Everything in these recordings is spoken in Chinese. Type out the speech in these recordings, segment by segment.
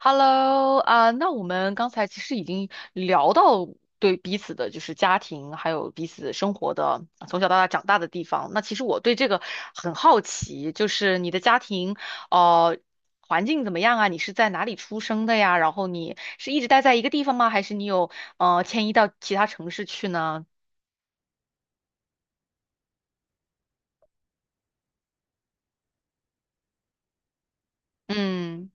Hello,啊那我们刚才其实已经聊到对彼此的，就是家庭，还有彼此生活的，从小到大长大的地方。那其实我对这个很好奇，就是你的家庭，呃，环境怎么样啊？你是在哪里出生的呀？然后你是一直待在一个地方吗？还是你有迁移到其他城市去呢？嗯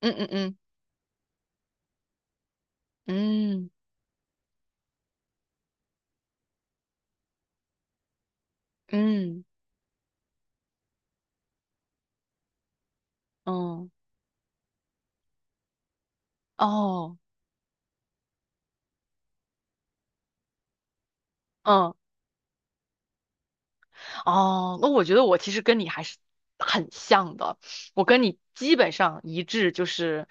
嗯嗯嗯嗯嗯嗯哦哦嗯。哦，那我觉得我其实跟你还是很像的，我跟你基本上一致，就是，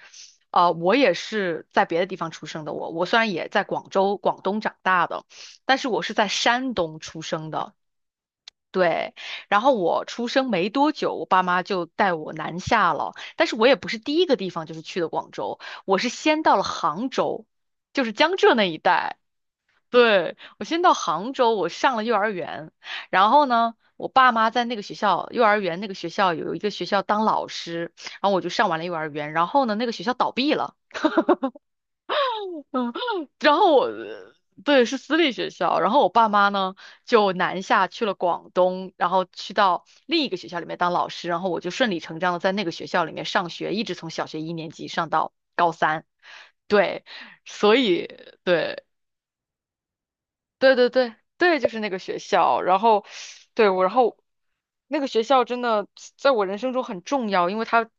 啊，我也是在别的地方出生的我虽然也在广州、广东长大的，但是我是在山东出生的，对。然后我出生没多久，我爸妈就带我南下了，但是我也不是第一个地方就是去的广州，我是先到了杭州，就是江浙那一带。对，我先到杭州，我上了幼儿园，然后呢，我爸妈在那个学校，幼儿园那个学校有一个学校当老师，然后我就上完了幼儿园，然后呢，那个学校倒闭了，嗯，然后我，对，是私立学校，然后我爸妈呢就南下去了广东，然后去到另一个学校里面当老师，然后我就顺理成章的在那个学校里面上学，一直从小学一年级上到高三，对，所以对。对对对对，就是那个学校。然后，对我，然后那个学校真的在我人生中很重要，因为它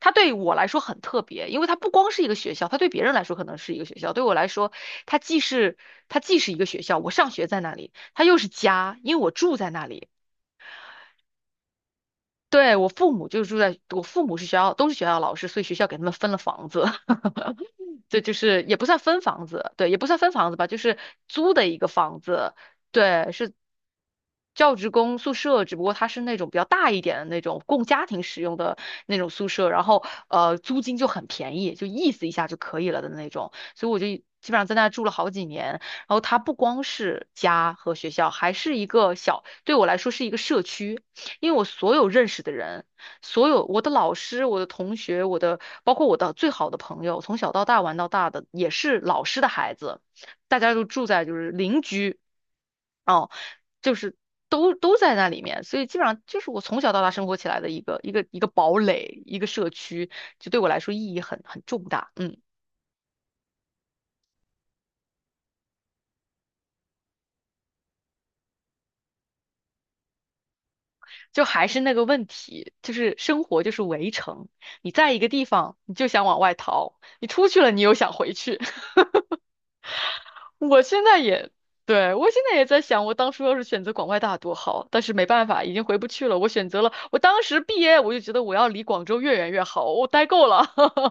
它对我来说很特别，因为它不光是一个学校，它对别人来说可能是一个学校，对我来说，它既是它既是一个学校，我上学在那里，它又是家，因为我住在那里。对，我父母是学校，都是学校老师，所以学校给他们分了房子。对，就是也不算分房子，对，也不算分房子吧，就是租的一个房子，对，是教职工宿舍，只不过它是那种比较大一点的那种供家庭使用的那种宿舍，然后呃租金就很便宜，就意思一下就可以了的那种，所以我就基本上在那住了好几年。然后它不光是家和学校，还是一个小，对我来说是一个社区，因为我所有认识的人。所有我的老师、我的同学、包括我的最好的朋友，从小到大玩到大的也是老师的孩子，大家都住在就是邻居，哦，就是都在那里面，所以基本上就是我从小到大生活起来的一个堡垒，一个社区，就对我来说意义很重大。嗯，就还是那个问题，就是生活就是围城，你在一个地方你就想往外逃，你出去了你又想回去。我现在也，对，我现在也在想，我当初要是选择广外大多好，但是没办法，已经回不去了。我选择了，我当时毕业我就觉得我要离广州越远越好，我待够了。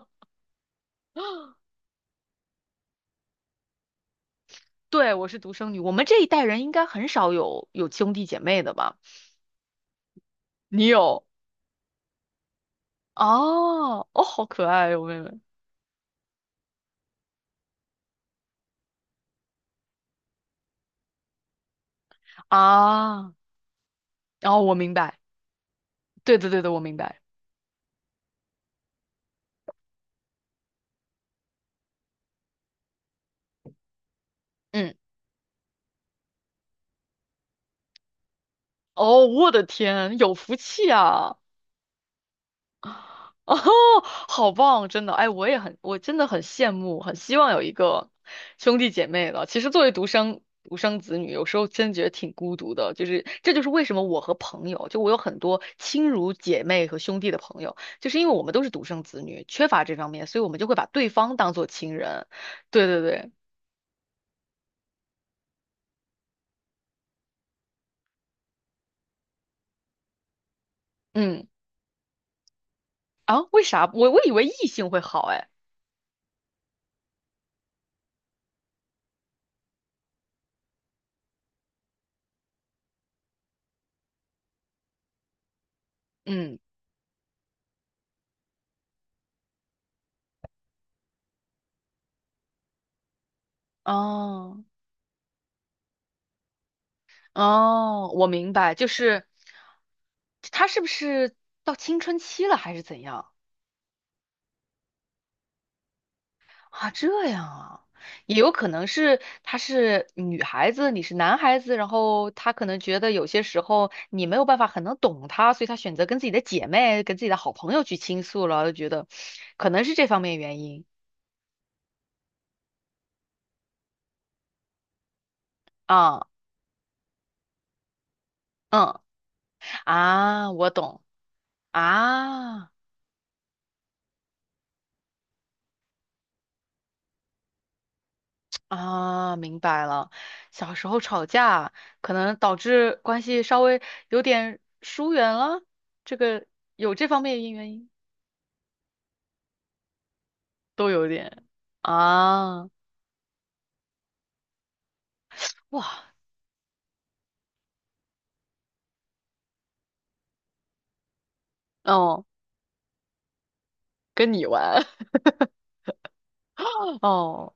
对，我是独生女，我们这一代人应该很少有兄弟姐妹的吧？你有？哦，哦，好可爱哟，妹妹啊！哦，我明白，对的，对的，我明白。嗯，哦，我的天，有福气啊！哦，好棒，真的，哎，我也很，我真的很羡慕，很希望有一个兄弟姐妹的。其实作为独生子女，有时候真觉得挺孤独的，就是这就是为什么我和朋友，就我有很多亲如姐妹和兄弟的朋友，就是因为我们都是独生子女，缺乏这方面，所以我们就会把对方当做亲人。对对对，嗯，啊，为啥？我以为异性会好，哎，嗯，哦。哦，我明白，就是他是不是到青春期了，还是怎样啊？这样啊，也有可能是他是女孩子，你是男孩子，然后他可能觉得有些时候你没有办法很能懂他，所以他选择跟自己的姐妹、跟自己的好朋友去倾诉了，就觉得可能是这方面原因啊，嗯啊，我懂啊。啊，明白了。小时候吵架可能导致关系稍微有点疏远了，这个有这方面的原因都有点啊，哇，哦，跟你玩 哦。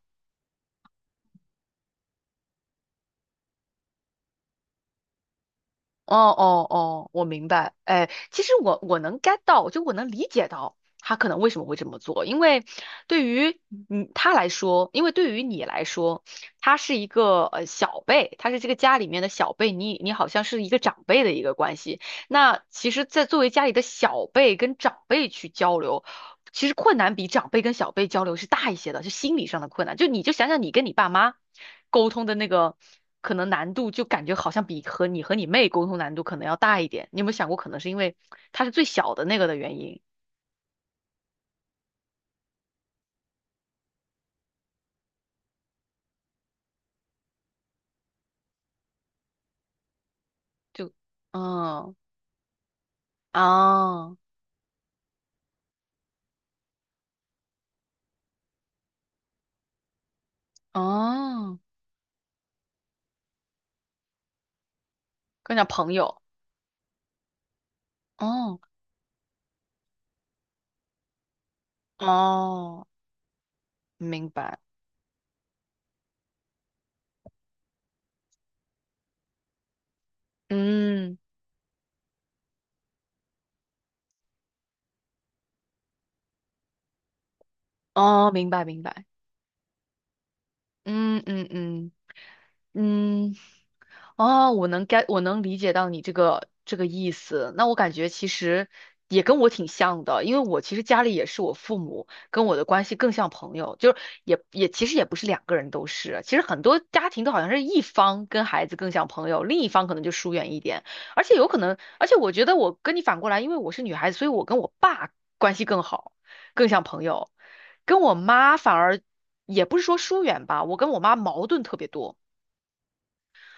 哦哦哦，我明白。哎，其实我能 get 到，就我能理解到他可能为什么会这么做，因为对于他来说，因为对于你来说，他是一个小辈，他是这个家里面的小辈，你你好像是一个长辈的一个关系。那其实，在作为家里的小辈跟长辈去交流，其实困难比长辈跟小辈交流是大一些的，就心理上的困难。就你就想想你跟你爸妈沟通的那个可能难度，就感觉好像比和你和你妹沟通难度可能要大一点。你有没有想过，可能是因为她是最小的那个的原因？就嗯啊哦，跟你讲朋友，哦哦，明白，嗯哦，明白明白，嗯嗯嗯。嗯，哦，我能该我能理解到你这个这个意思。那我感觉其实也跟我挺像的，因为我其实家里也是我父母跟我的关系更像朋友，就是也也其实也不是两个人都是，其实很多家庭都好像是一方跟孩子更像朋友，另一方可能就疏远一点，而且有可能，而且我觉得我跟你反过来，因为我是女孩子，所以我跟我爸关系更好，更像朋友，跟我妈反而也不是说疏远吧，我跟我妈矛盾特别多。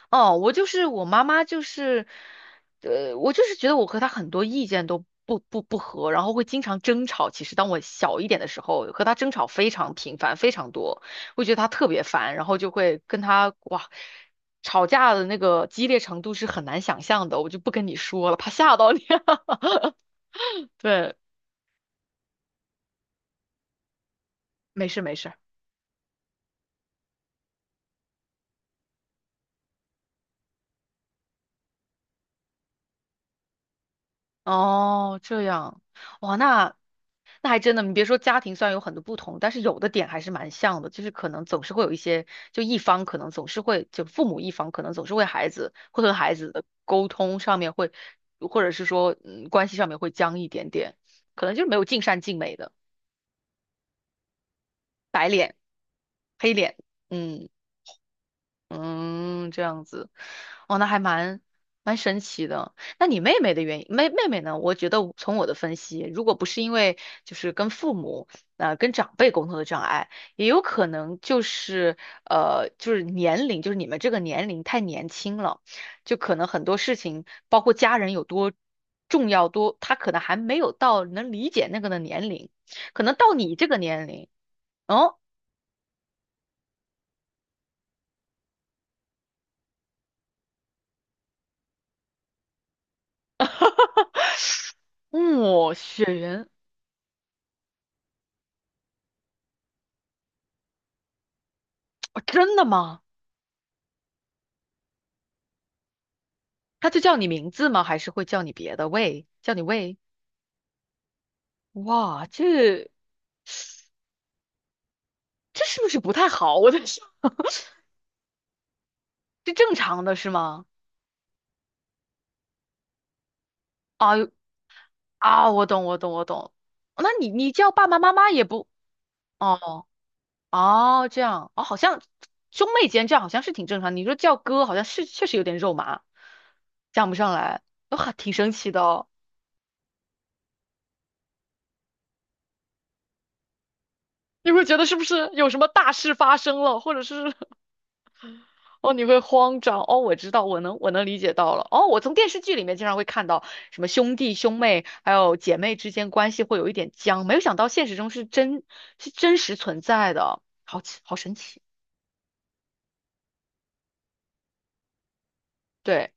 哦，我就是我妈妈，就是，我就是觉得我和她很多意见都不合，然后会经常争吵。其实当我小一点的时候，和她争吵非常频繁，非常多，会觉得她特别烦，然后就会跟她哇，吵架的那个激烈程度是很难想象的，我就不跟你说了，怕吓到你。对，没事没事。哦，这样，哇，那那还真的，你别说家庭虽然有很多不同，但是有的点还是蛮像的，就是可能总是会有一些，就一方可能总是会，就父母一方可能总是为孩子会和孩子的沟通上面会，或者是说嗯关系上面会僵一点点，可能就是没有尽善尽美的黑脸，嗯。嗯，这样子，哦，那还蛮蛮神奇的。那你妹妹的原因，妹妹呢？我觉得从我的分析，如果不是因为就是跟父母跟长辈沟通的障碍，也有可能就是就是年龄，就是你们这个年龄太年轻了，就可能很多事情，包括家人有多重要多，他可能还没有到能理解那个的年龄，可能到你这个年龄，哦，哇、雪缘，哦真的吗？他就叫你名字吗？还是会叫你别的？喂，叫你喂？哇，这是不是不太好？我在想，这正常的是吗？啊啊，我懂，我懂，我懂。哦那你叫爸爸妈妈也不哦哦这样哦，好像兄妹间这样好像是挺正常。你说叫哥，好像是确实有点肉麻，讲不上来，哇，挺神奇的哦。你会觉得是不是有什么大事发生了，或者是哦，你会慌张哦，我知道，我能我能理解到了。哦，我从电视剧里面经常会看到什么兄弟兄妹还有姐妹之间关系会有一点僵，没有想到现实中是真实存在的，好奇好神奇。对。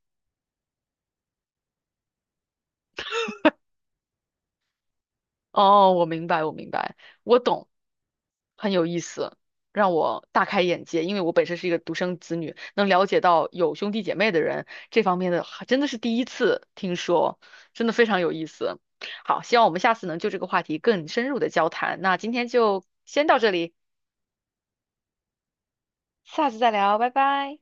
哦，我明白，我明白，我懂，很有意思，让我大开眼界。因为我本身是一个独生子女，能了解到有兄弟姐妹的人这方面的，还真的是第一次听说，真的非常有意思。好，希望我们下次能就这个话题更深入的交谈。那今天就先到这里，下次再聊，拜拜。